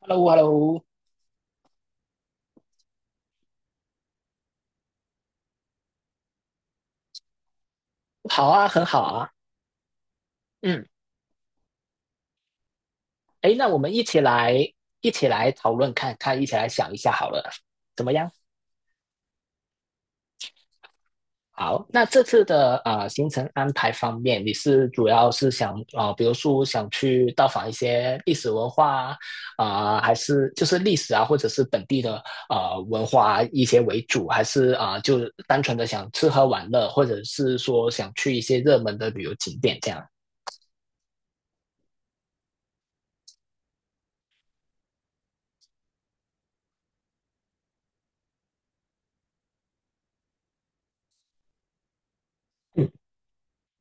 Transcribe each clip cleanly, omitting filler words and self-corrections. Hello，Hello，好啊，很好啊。嗯，诶，那我们一起来，一起来讨论看看，一起来想一下好了，怎么样？好，那这次的行程安排方面，你是主要是想比如说想去到访一些历史文化啊、还是就是历史啊，或者是本地的文化一些为主，还是就单纯的想吃喝玩乐，或者是说想去一些热门的旅游景点这样？嗯，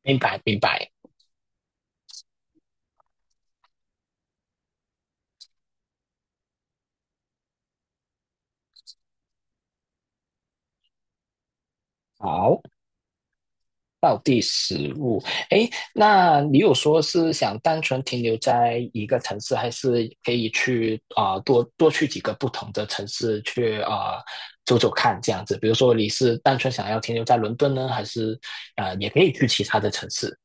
明白，明白。好，道地食物。诶，那你有说是想单纯停留在一个城市，还是可以去多多去几个不同的城市去走走看这样子？比如说你是单纯想要停留在伦敦呢，还是也可以去其他的城市？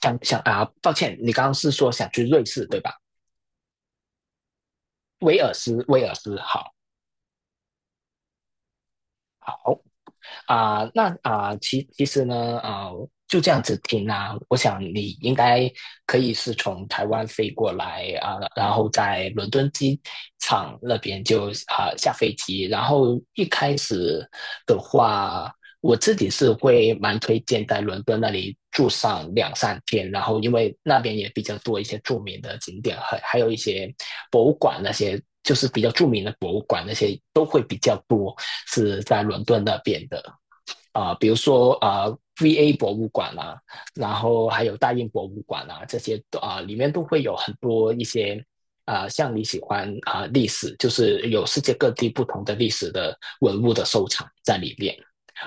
想想抱歉，你刚刚是说想去瑞士对吧？威尔斯，威尔斯好。那其实呢，就这样子听啊，我想你应该可以是从台湾飞过来然后在伦敦机场那边就下飞机，然后一开始的话，我自己是会蛮推荐在伦敦那里住上两三天，然后因为那边也比较多一些著名的景点，还有一些博物馆那些，就是比较著名的博物馆那些都会比较多，是在伦敦那边的。比如说VA 博物馆啦然后还有大英博物馆啦啊，这些都里面都会有很多一些像你喜欢历史，就是有世界各地不同的历史的文物的收藏在里面。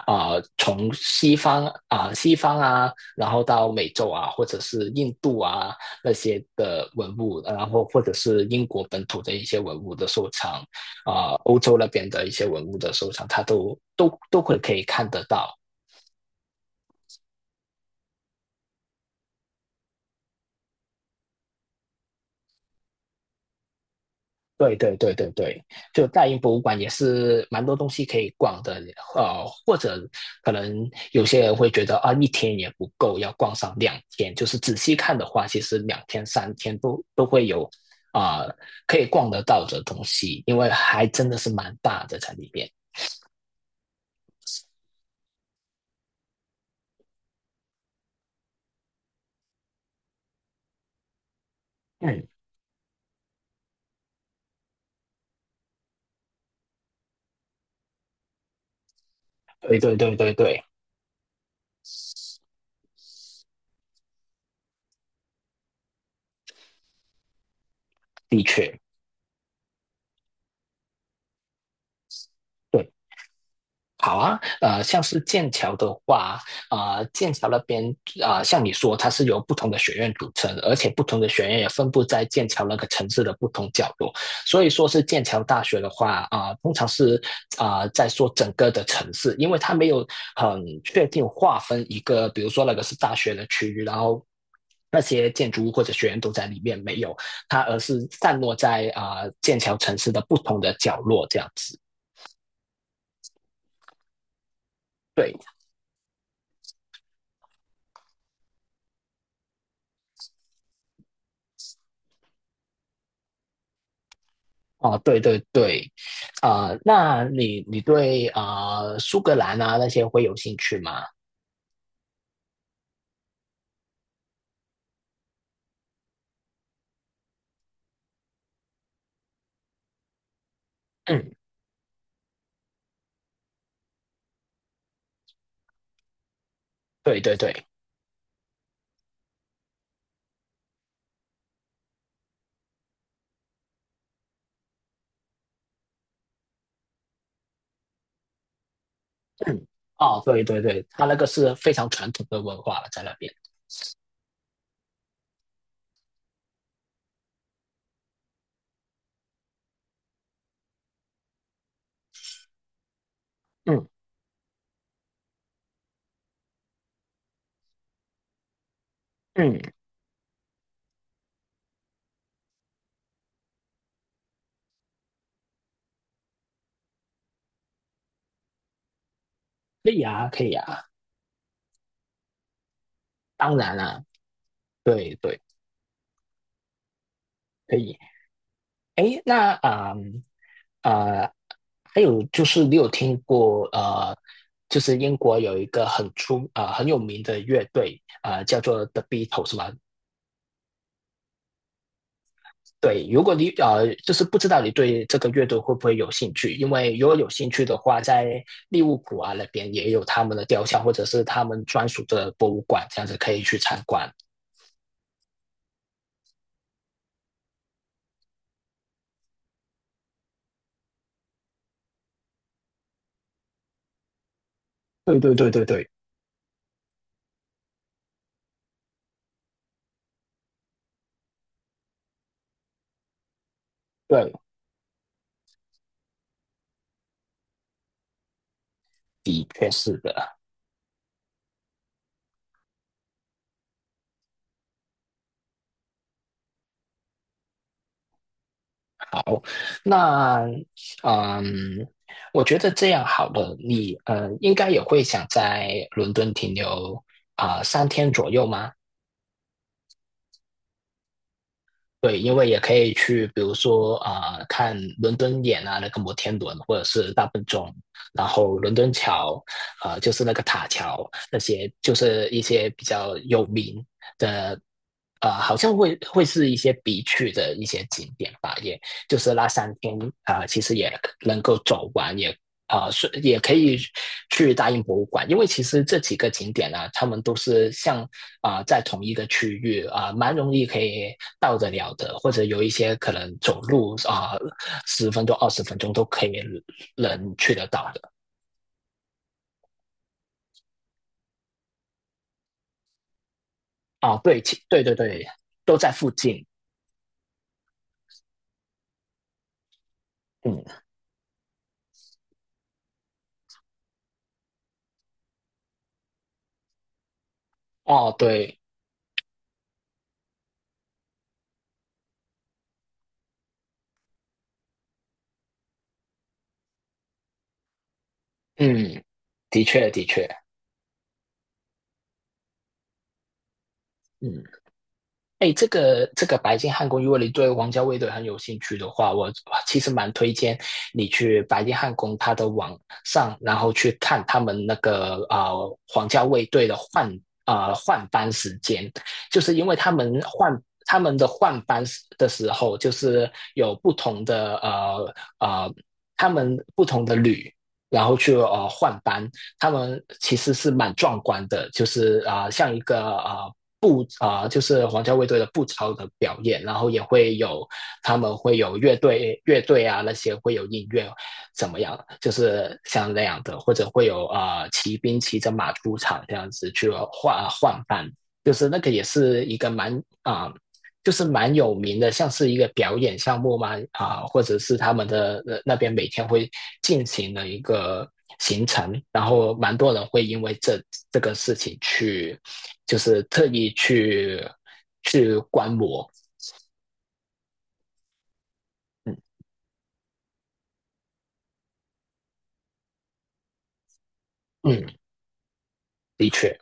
从西方西方啊，然后到美洲啊，或者是印度啊那些的文物，然后或者是英国本土的一些文物的收藏欧洲那边的一些文物的收藏，它都会可以看得到。对对对对对，就大英博物馆也是蛮多东西可以逛的，呃，或者可能有些人会觉得啊，一天也不够，要逛上两天。就是仔细看的话，其实两天三天都会有啊、呃可以逛得到的东西，因为还真的是蛮大的在里面。嗯，对对对对对，的确，对，好啊，呃，像是剑桥的话，剑桥那边像你说，它是由不同的学院组成的而且不同的学院也分布在剑桥那个城市的不同角落。所以说是剑桥大学的话，通常是在说整个的城市，因为它没有很确定划分一个，比如说那个是大学的区域，然后。那些建筑物或者学院都在里面没有，它而是散落在剑桥城市的不同的角落这样子。对，哦，对对对，那你对苏格兰啊那些会有兴趣吗？嗯，对对对，嗯，哦，对对对，他那个是非常传统的文化了，在那边。嗯嗯，可以啊，可以啊，当然啊，对对，可以。诶，那呃呃还有就是你有听过，就是英国有一个很出很有名的乐队叫做 The Beatles 吗？对，如果你，就是不知道你对这个乐队会不会有兴趣，因为如果有兴趣的话，在利物浦啊那边也有他们的雕像，或者是他们专属的博物馆，这样子可以去参观。对对对对对对，的确是的。好，那嗯，我觉得这样好了，你应该也会想在伦敦停留三天左右吗？对，因为也可以去，比如说看伦敦眼啊，那个摩天轮，或者是大笨钟，然后伦敦桥，啊，就是那个塔桥，那些就是一些比较有名的，啊，好像会是一些必去的一些景点吧，也就是那三天其实也能够走完，也是也可以去大英博物馆，因为其实这几个景点呢、啊，他们都是像在同一个区域蛮容易可以到得了的，或者有一些可能走路啊十、1分钟、20分钟都可以能去得到的。啊，哦对，对对对，都在附近。嗯，哦，对，嗯，的确的确，嗯。哎，这个这个白金汉宫，如果你对皇家卫队很有兴趣的话，我其实蛮推荐你去白金汉宫它的网上，然后去看他们那个王家卫队的换换班时间，就是因为他们换他们的换班的时候，就是有不同的呃他们不同的旅。然后去换班，他们其实是蛮壮观的，就是像一个步就是皇家卫队的步操的表演，然后也会有他们会有乐队啊那些会有音乐，怎么样？就是像那样的，或者会有骑兵骑着马出场这样子去换班，就是那个也是一个蛮啊、呃就是蛮有名的，像是一个表演项目嘛或者是他们的那边每天会进行的一个行程，然后蛮多人会因为这个事情去就是特意去观摩。嗯嗯，的确，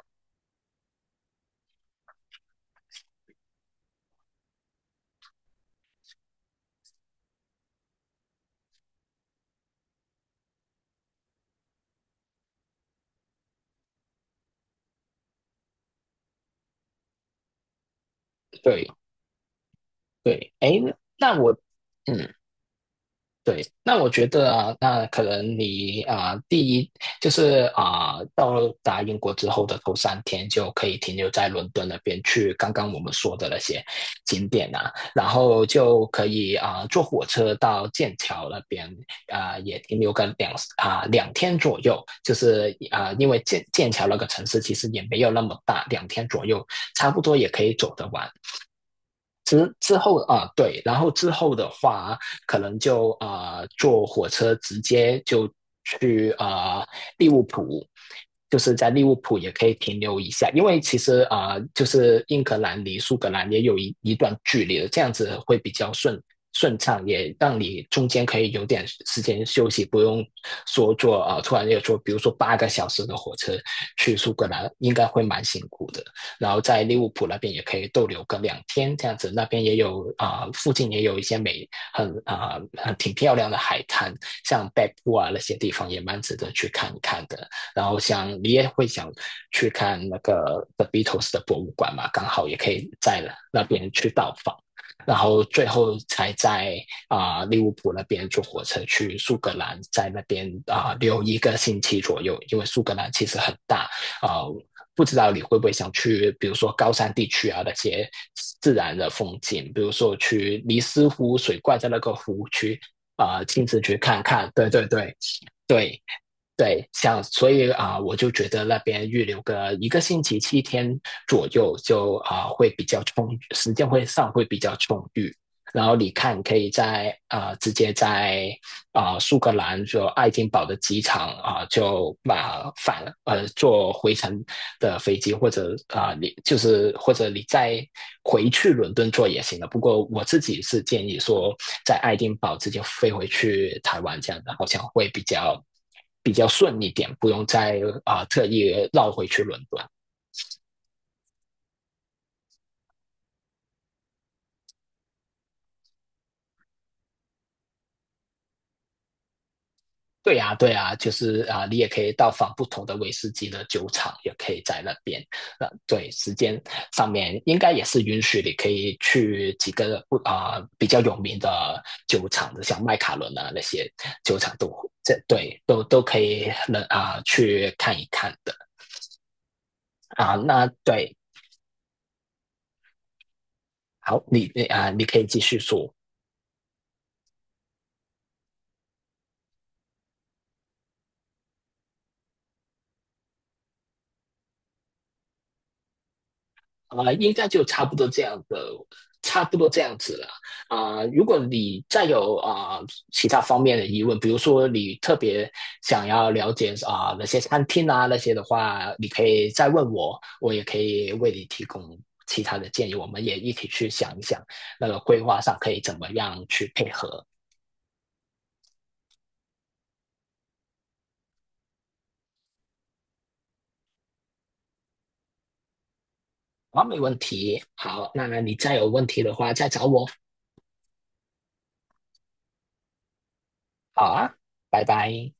对对。哎，那我嗯，对，那我觉得啊，那可能你啊，第一就是啊，到达英国之后的头三天就可以停留在伦敦那边去刚刚我们说的那些景点啊，然后就可以啊坐火车到剑桥那边啊，也停留个两啊两天左右，就是啊，因为剑桥那个城市其实也没有那么大，两天左右差不多也可以走得完。之后对，然后之后的话，可能就坐火车直接就去利物浦，就是在利物浦也可以停留一下，因为其实就是英格兰离苏格兰也有一段距离的，这样子会比较顺畅，也让你中间可以有点时间休息，不用说坐突然要坐，比如说8个小时的火车去苏格兰，应该会蛮辛苦的。然后在利物浦那边也可以逗留个两天这样子，那边也有附近也有一些美很挺漂亮的海滩，像北部啊那些地方也蛮值得去看一看的。然后像你也会想去看那个 The Beatles 的博物馆嘛，刚好也可以在那边去到访。然后最后才在利物浦那边坐火车去苏格兰，在那边留一个星期左右，因为苏格兰其实很大啊、呃不知道你会不会想去，比如说高山地区啊那些自然的风景，比如说去尼斯湖水怪在那个湖区亲自去看看。对对对，对对，像所以我就觉得那边预留个一个星期7天左右就会比较充裕，时间会上会比较充裕。然后你看，可以在直接在苏格兰就爱丁堡的机场就把返坐回程的飞机，或者你就是或者你再回去伦敦坐也行的。不过我自己是建议说，在爱丁堡直接飞回去台湾这样的，好像会比较比较顺一点，不用再特意绕回去伦敦。对呀，对呀，就是啊，你也可以到访不同的威士忌的酒厂，也可以在那边。那对时间上面应该也是允许你可以去几个不比较有名的酒厂，像麦卡伦啊那些酒厂都这对都可以能去看一看的啊。那对，好，你可以继续说。应该就差不多这样的，差不多这样子了。如果你再有其他方面的疑问，比如说你特别想要了解那些餐厅啊那些的话，你可以再问我，我也可以为你提供其他的建议。我们也一起去想一想那个规划上可以怎么样去配合。好，没问题。好，那你再有问题的话再找我。好啊，拜拜。